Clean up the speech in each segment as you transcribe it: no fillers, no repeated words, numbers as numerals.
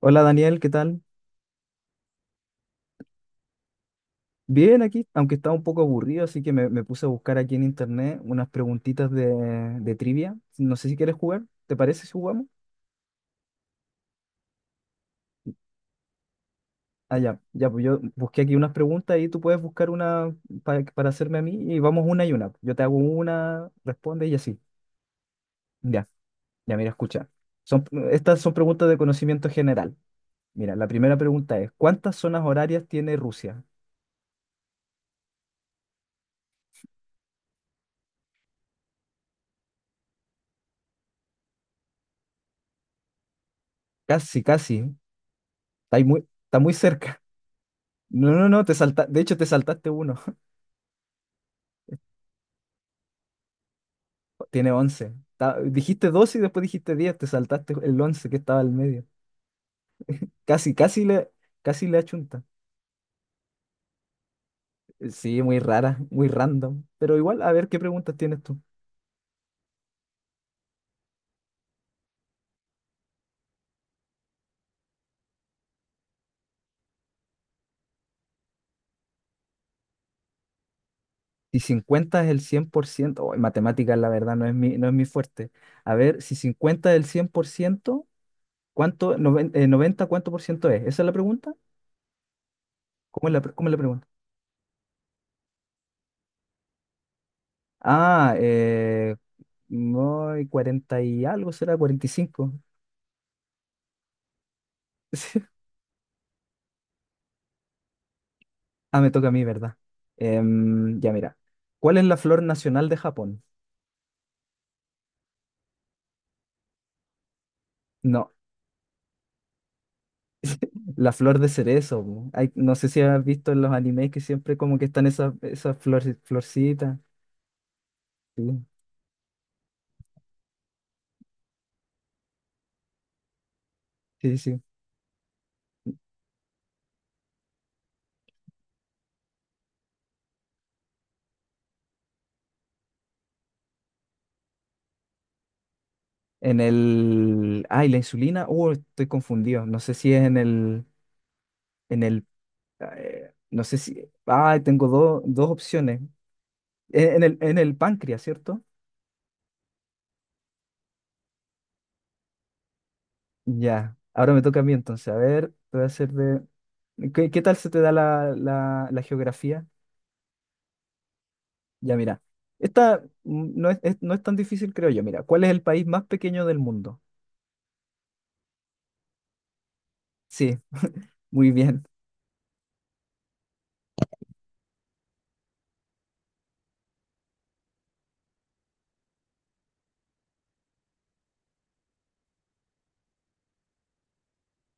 Hola Daniel, ¿qué tal? Bien aquí, aunque estaba un poco aburrido, así que me puse a buscar aquí en internet unas preguntitas de trivia. No sé si quieres jugar, ¿te parece si jugamos? Ah, ya, ya, pues yo busqué aquí unas preguntas y tú puedes buscar una para hacerme a mí y vamos una y una. Yo te hago una, responde y así. Ya, ya, mira, escucha. Son, Estas son preguntas de conocimiento general. Mira, la primera pregunta es, ¿cuántas zonas horarias tiene Rusia? Casi, casi, está muy cerca. No, no, no, te salta, de hecho te saltaste uno. Tiene 11. Dijiste 12 y después dijiste 10, te saltaste el 11 que estaba al medio. Casi, casi le achunta. Sí, muy rara, muy random. Pero igual, a ver qué preguntas tienes tú. Si 50 es el 100%, oh, en matemáticas la verdad no es mi fuerte. A ver, si 50 es el cien por ciento, ¿cuánto, 90, cuánto por ciento es? ¿Esa es la pregunta? ¿Cómo es la pregunta? Ah, no, 40 y algo será, 45. Ah, me toca a mí, ¿verdad? Ya, mira. ¿Cuál es la flor nacional de Japón? No, la flor de cerezo, po. No sé si has visto en los animes que siempre como que están esas florcitas. Sí, sí, sí. Ah, ¿la insulina? Estoy confundido. No sé si es en el... En el... no sé si... Ah, tengo dos opciones. En el páncreas, ¿cierto? Ya. Ahora me toca a mí entonces. A ver, te voy a hacer de... ¿Qué tal se te da la geografía? Ya, mira, esta no es tan difícil, creo yo. Mira, ¿cuál es el país más pequeño del mundo? Sí, muy bien.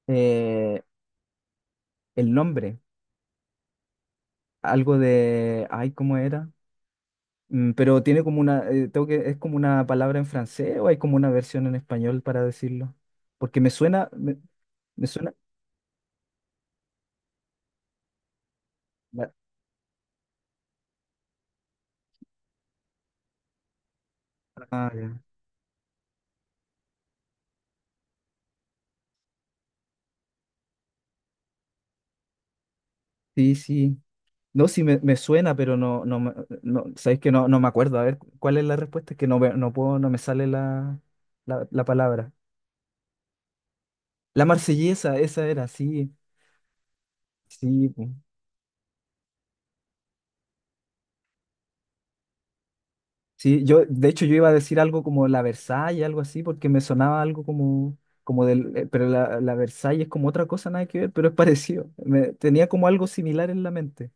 Eh, el nombre, algo de, ay, ¿cómo era? Pero tiene como una, tengo que, es como una palabra en francés o hay como una versión en español para decirlo. Porque me suena, me suena. la- ah, ya. Sí, sí. No, sí me suena, pero no, no, no, sabéis que no, no me acuerdo. A ver, ¿cuál es la respuesta? Es que no, no puedo, no me sale la palabra. La Marsellesa, esa era, sí, sí, po. Sí, yo, de hecho, yo iba a decir algo como la Versailles, algo así, porque me sonaba algo como, pero la Versailles es como otra cosa, nada que ver, pero es parecido. Tenía como algo similar en la mente.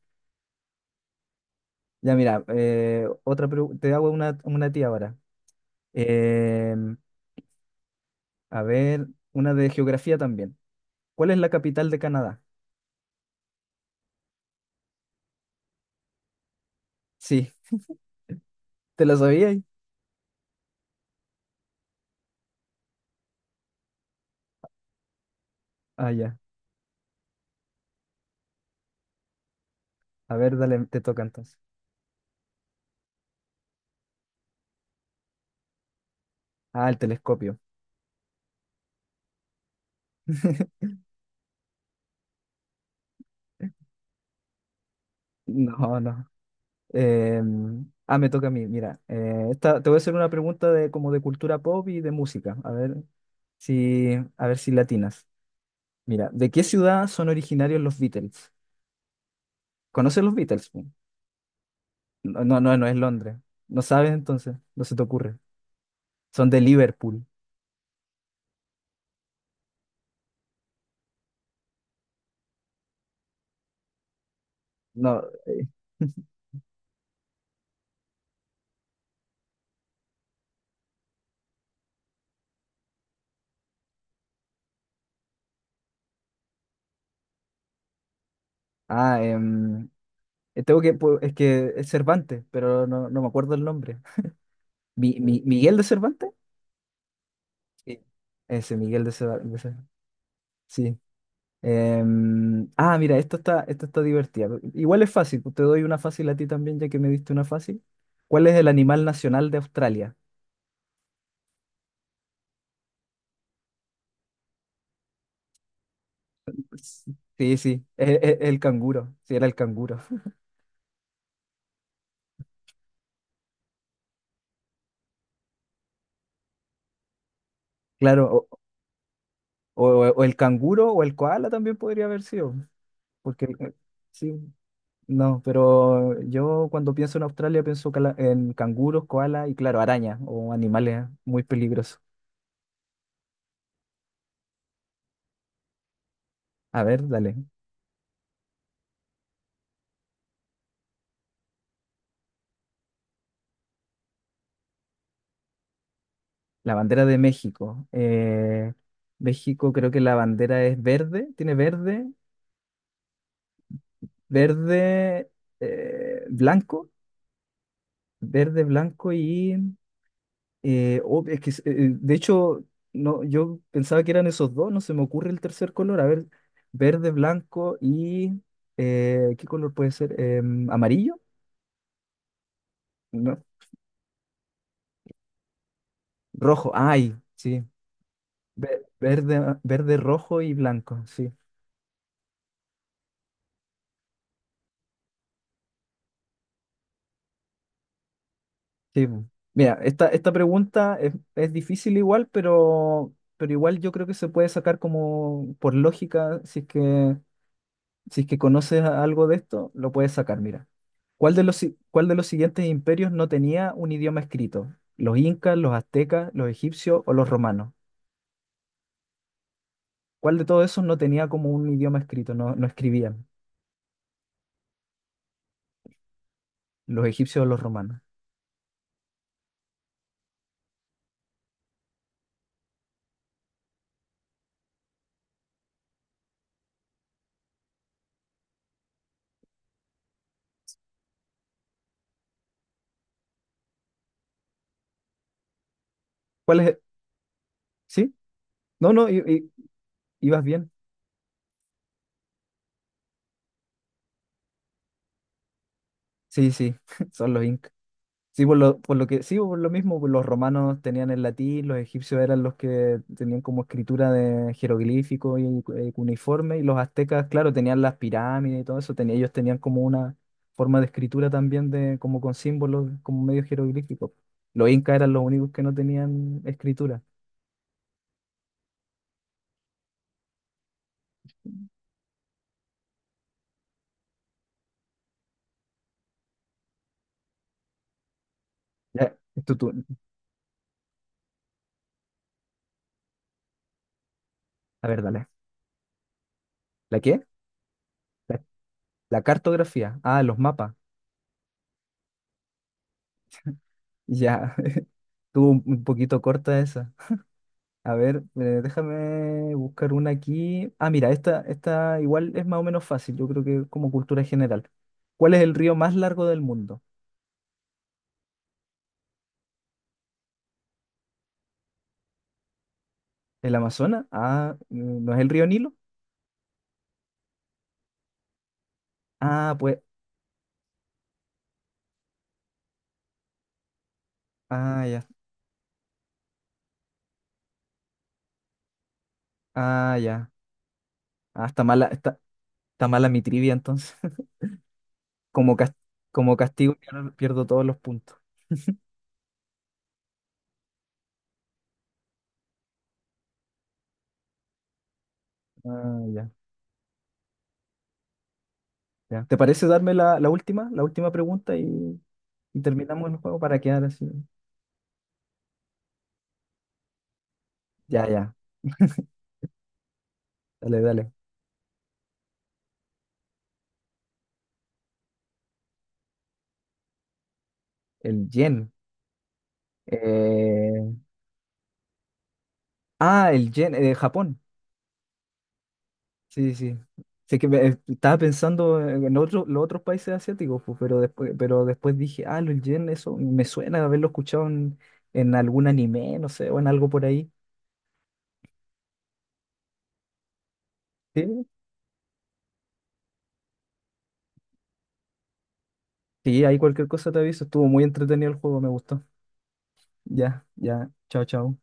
Ya, mira, otra te hago una tía ahora. Em, a ver, una de geografía también. ¿Cuál es la capital de Canadá? Sí, ¿te lo sabías? Ah, ya. A ver, dale, te toca entonces. Ah, el telescopio. No, no. Eh, ah, me toca a mí. Mira, esta, te voy a hacer una pregunta de como de cultura pop y de música. A ver si latinas. Mira, ¿de qué ciudad son originarios los Beatles? ¿Conoces los Beatles, po? No, no, no, no es Londres. ¿No sabes entonces? No se te ocurre. Son de Liverpool. No. Ah, tengo que, es que es Cervantes, pero no, no me acuerdo el nombre. ¿Miguel de Cervantes? Sí. Ese, Miguel de Cervantes. Sí. Ah, mira, esto está divertido. Igual es fácil, pues, te doy una fácil a ti también, ya que me diste una fácil. ¿Cuál es el animal nacional de Australia? S- Sí, sí, el canguro, sí, era el canguro. Claro, o el canguro o el koala también podría haber sido, porque el- sí, no, pero yo cuando pienso en Australia pienso en canguros, koala y claro, araña o animales muy peligrosos. A ver, dale. La bandera de México. México, creo que la bandera es verde, tiene verde, verde, blanco, verde, blanco y oh, es que, de hecho, no, yo pensaba que eran esos dos, no se me ocurre el tercer color. A ver, verde, blanco y ¿qué color puede ser? ¿Amarillo? No, rojo, ay, sí. Verde, rojo y blanco, sí. Sí, po. Mira, esta pregunta es difícil igual, pero igual yo creo que se puede sacar como por lógica, si es que conoces algo de esto, lo puedes sacar, mira. ¿Cuál de los siguientes imperios no tenía un idioma escrito? ¿Los incas, los aztecas, los egipcios o los romanos? ¿Cuál de todos esos no tenía como un idioma escrito? No, no escribían, los egipcios o los romanos. ¿Cuál es? ¿Sí? No, no, ibas bien. Sí, sí, son los incas. Sí, sí, por lo mismo, pues, los romanos tenían el latín, los egipcios eran los que tenían como escritura de jeroglífico y cuneiforme, y los aztecas, claro, tenían las pirámides y todo eso, ellos tenían como una forma de escritura también de, como con símbolos, como medio jeroglífico. Los incas eran los únicos que no tenían escritura. Ya, es tu turno. A ver, dale. ¿La qué? La cartografía. Ah, los mapas. Ya, estuvo un poquito corta esa. A ver, déjame buscar una aquí. Ah, mira, esta igual es más o menos fácil, yo creo que es como cultura general. ¿Cuál es el río más largo del mundo? ¿El Amazonas? Ah, ¿no es el río Nilo? Ah, pues, ah, ya, ah, ya. Ah, está mala, está mala mi trivia entonces. Como, cas- Como castigo pierdo todos los puntos. Ah, ya, ya. ¿Te parece darme la última pregunta y terminamos el juego para quedar así? Ya, ya, dale, dale. El yen. Eh, Ah, el yen, Japón. Sí, sí. Sé que estaba pensando en los otros países asiáticos, pues, pero después, dije, ah, el yen, eso me suena de haberlo escuchado en algún anime, no sé, o en algo por ahí. Sí, sí, ahí cualquier cosa te aviso. Estuvo muy entretenido el juego, me gustó. Ya, ya. Chao, chao.